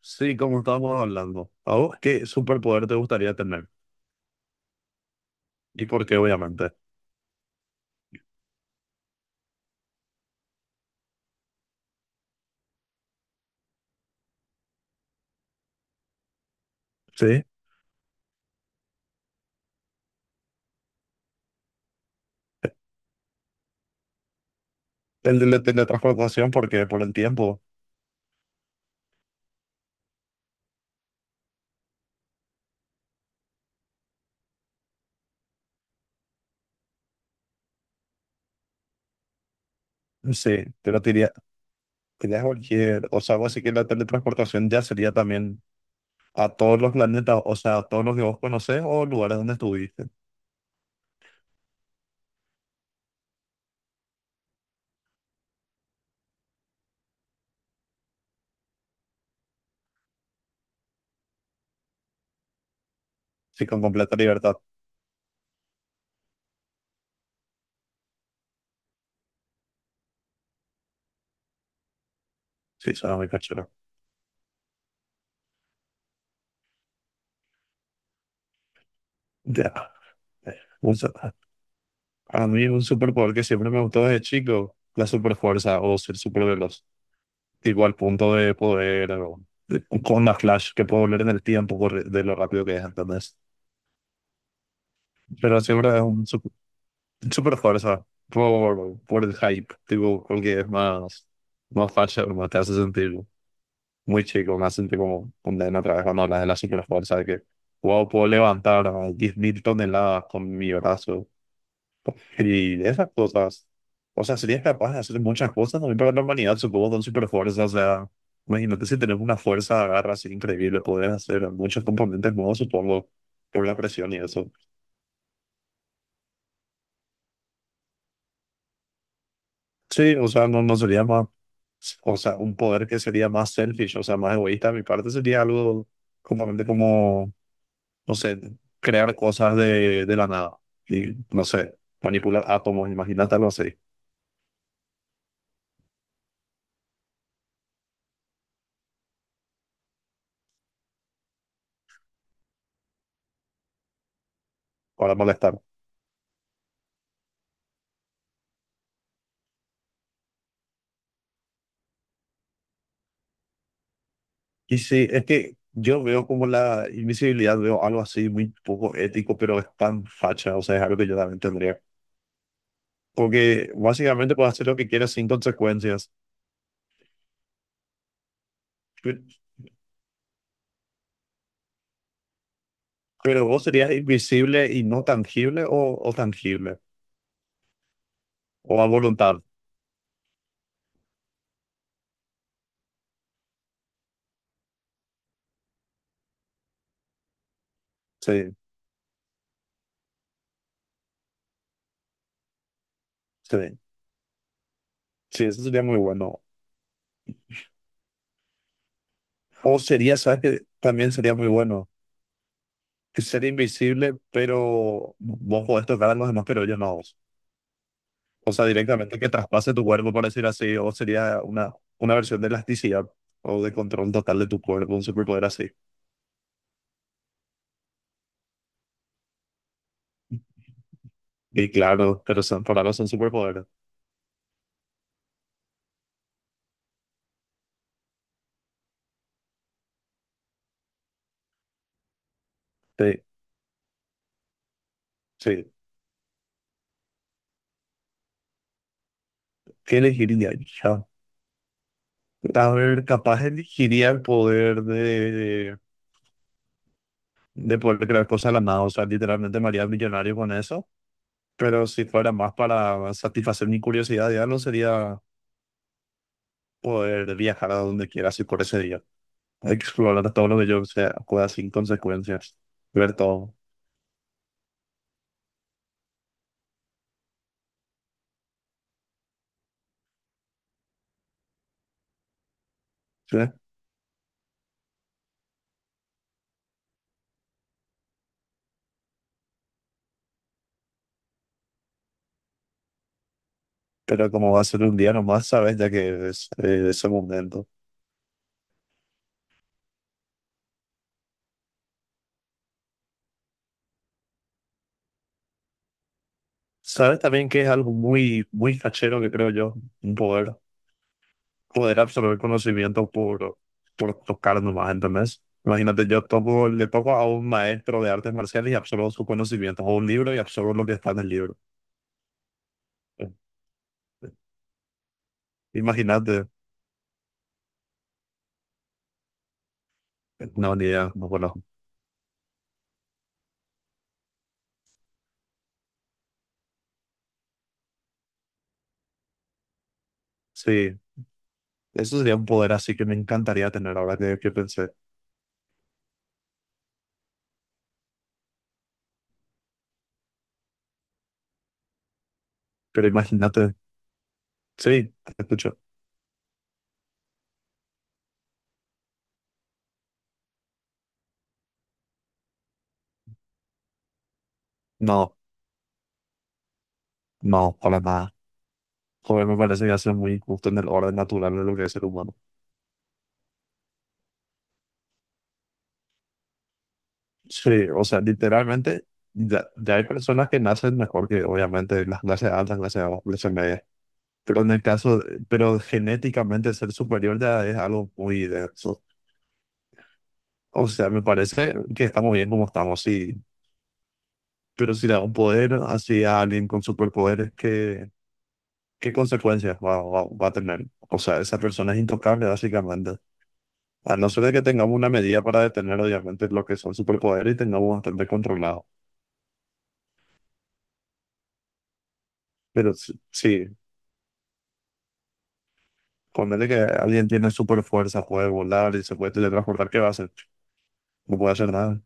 Sí, como estábamos hablando. ¿A vos qué superpoder te gustaría tener? ¿Y por qué, obviamente? Sí, el de la teletransportación, porque por el tiempo. Sí, te lo diría cualquier. O sea, vos sí que la teletransportación ya sería también a todos los planetas, o sea, a todos los que vos conocés o lugares donde estuviste. Sí, con completa libertad. Sí, suena muy cachorro. Ya. eh, un su- a mí un superpoder que siempre me gustó desde chico, la superfuerza o ser superveloz. Tipo al punto de poder, con la flash, que puedo volver en el tiempo por de lo rápido que es, ¿entendés? Pero siempre es super, fuerza por el hype, tipo, porque es más, más fácil, más te hace sentir muy chico, me hace sentir como un nene otra vez cuando hablas de la super fuerza, de que, wow, puedo levantar a 10,000 toneladas con mi brazo, y esas cosas. O sea, serías capaz de hacer muchas cosas también para la humanidad, supongo, con super fuerza. O sea, imagínate si tenés una fuerza de agarra así increíble, poder hacer muchos componentes nuevos, supongo, por la presión y eso. Sí, o sea, no, sería más. O sea, un poder que sería más selfish, o sea, más egoísta. De mi parte sería algo completamente como, no sé, crear cosas de la nada. Y, no sé, manipular átomos, imagínate algo así, para molestar. Y sí, es que yo veo como la invisibilidad, veo algo así muy poco ético, pero es tan facha, o sea, es algo que yo también tendría. Porque básicamente puedes hacer lo que quieras sin consecuencias. Pe- Pero vos serías invisible y no tangible o tangible, o a voluntad. Sí, sí, sí, eso sería muy bueno. O sería, ¿sabes qué? También sería muy bueno. Que ser invisible, pero vos podés tocar a los demás, pero yo no. O sea, directamente que traspase tu cuerpo, por decir así, o sería una versión de elasticidad o de control total de tu cuerpo, un superpoder así. Y claro, pero son, por algo son superpoderes. Sí, sí. ¿Qué elegiría? ¿Yo? A ver, capaz elegiría el poder de poder crear cosas de la nada, o sea, literalmente me haría millonario con eso, pero si fuera más para satisfacer mi curiosidad, ya no sería poder viajar a donde quiera, así por ese día, explorar todo lo que yo sea, pueda sin consecuencias, ver todo. Sí, pero como va a ser un día nomás, sabes, ya que es ese momento. Sabes también que es algo muy, muy cachero que creo yo, un poder, poder absorber conocimiento por, tocar nomás, ¿entendés? Imagínate, yo toco, le toco a un maestro de artes marciales y absorbo su conocimiento o un libro y absorbo lo que está en el libro. Eh, Imagínate, no, ni idea, no conozco. Sí, eso sería un poder así que me encantaría tener ahora que, pensé. Pero imagínate, sí, te escucho. No, no, para nada. Joder, me parece que hace muy justo en el orden natural de lo que es el humano. Sí, o sea, literalmente, ya hay personas que nacen mejor que, obviamente, las clases altas, clases bajas, clases medias. Pero en el caso, pero genéticamente ser superior ya es algo muy denso. O sea, me parece que estamos bien como estamos, sí. Pero si le da un poder así a alguien con superpoderes, ¿qué, consecuencias va, a tener? O sea, esa persona es intocable, básicamente. A no ser de que tengamos una medida para detener, obviamente, lo que son superpoderes y tengamos bastante controlado. Pero sí, ponerle que alguien tiene super fuerza, puede volar y se puede teletransportar, ¿qué va a hacer? No puede hacer nada.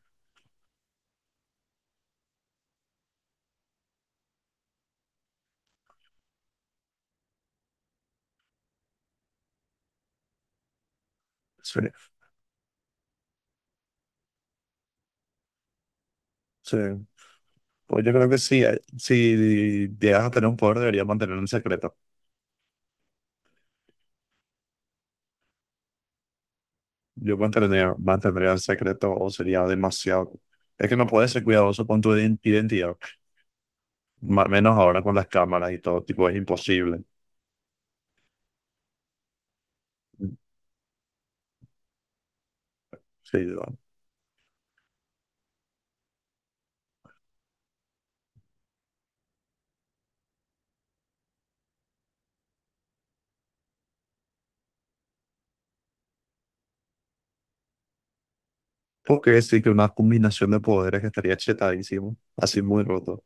Sí, sí. Pues yo creo que sí, si llegas a tener un poder, deberías mantenerlo en secreto. Yo mantendría en secreto o sería demasiado. Es que no puedes ser cuidadoso con tu identidad, menos ahora con las cámaras y todo, tipo, es imposible. Sí, no. Ok, sí, que una combinación de poderes estaría chetadísimo, así muy roto.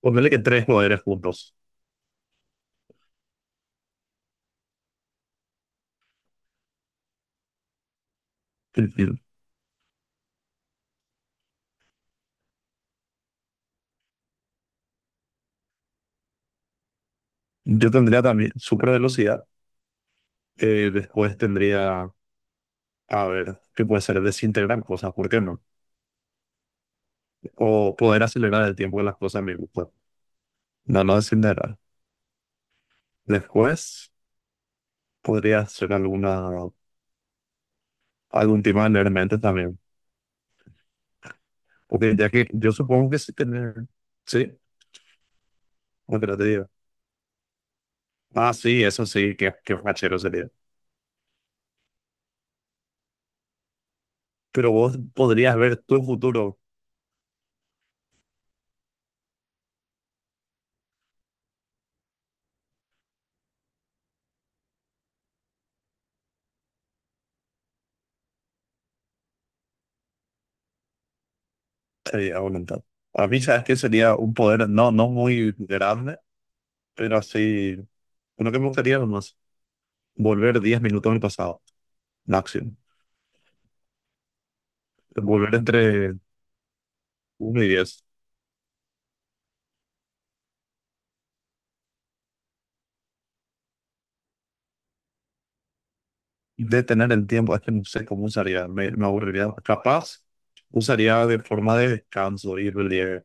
Ponele que tres poderes juntos. Yo tendría también super velocidad. Después tendría, a ver, que puede ser desintegrar cosas, ¿por qué no? O poder acelerar el tiempo de las cosas en mi grupo. No, no desintegrar. Después podría ser algún tema de leer mentes también. Porque ya que yo supongo que sí tener, sí, otra te digo. Ah, sí, eso sí, que qué fachero sería. Pero vos podrías ver tu futuro, sería aumentado. A mí, sabes que sería un poder no, no muy grande, pero así, uno que me gustaría nomás, volver 10 minutos al pasado, máximo. Volver entre 1 y 10. Detener el tiempo, es que no sé cómo usaría, me, aburriría. Capaz, usaría de forma de descanso, ir libre,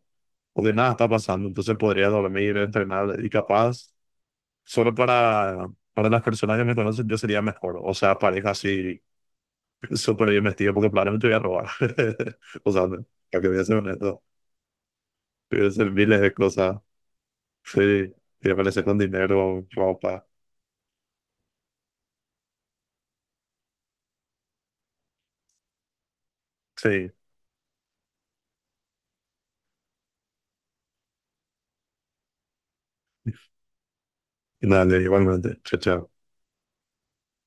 porque nada está pasando, entonces podría dormir, entrenar, y capaz, solo para las personas que me conocen, yo sería mejor. O sea, pareja así súper bien vestido porque probablemente voy a robar. O sea, no, que voy a ser honesto. Voy a hacer miles de cosas. Sí, voy a aparecer con dinero, ropa. Sí, y nada, igualmente. Chao, chao.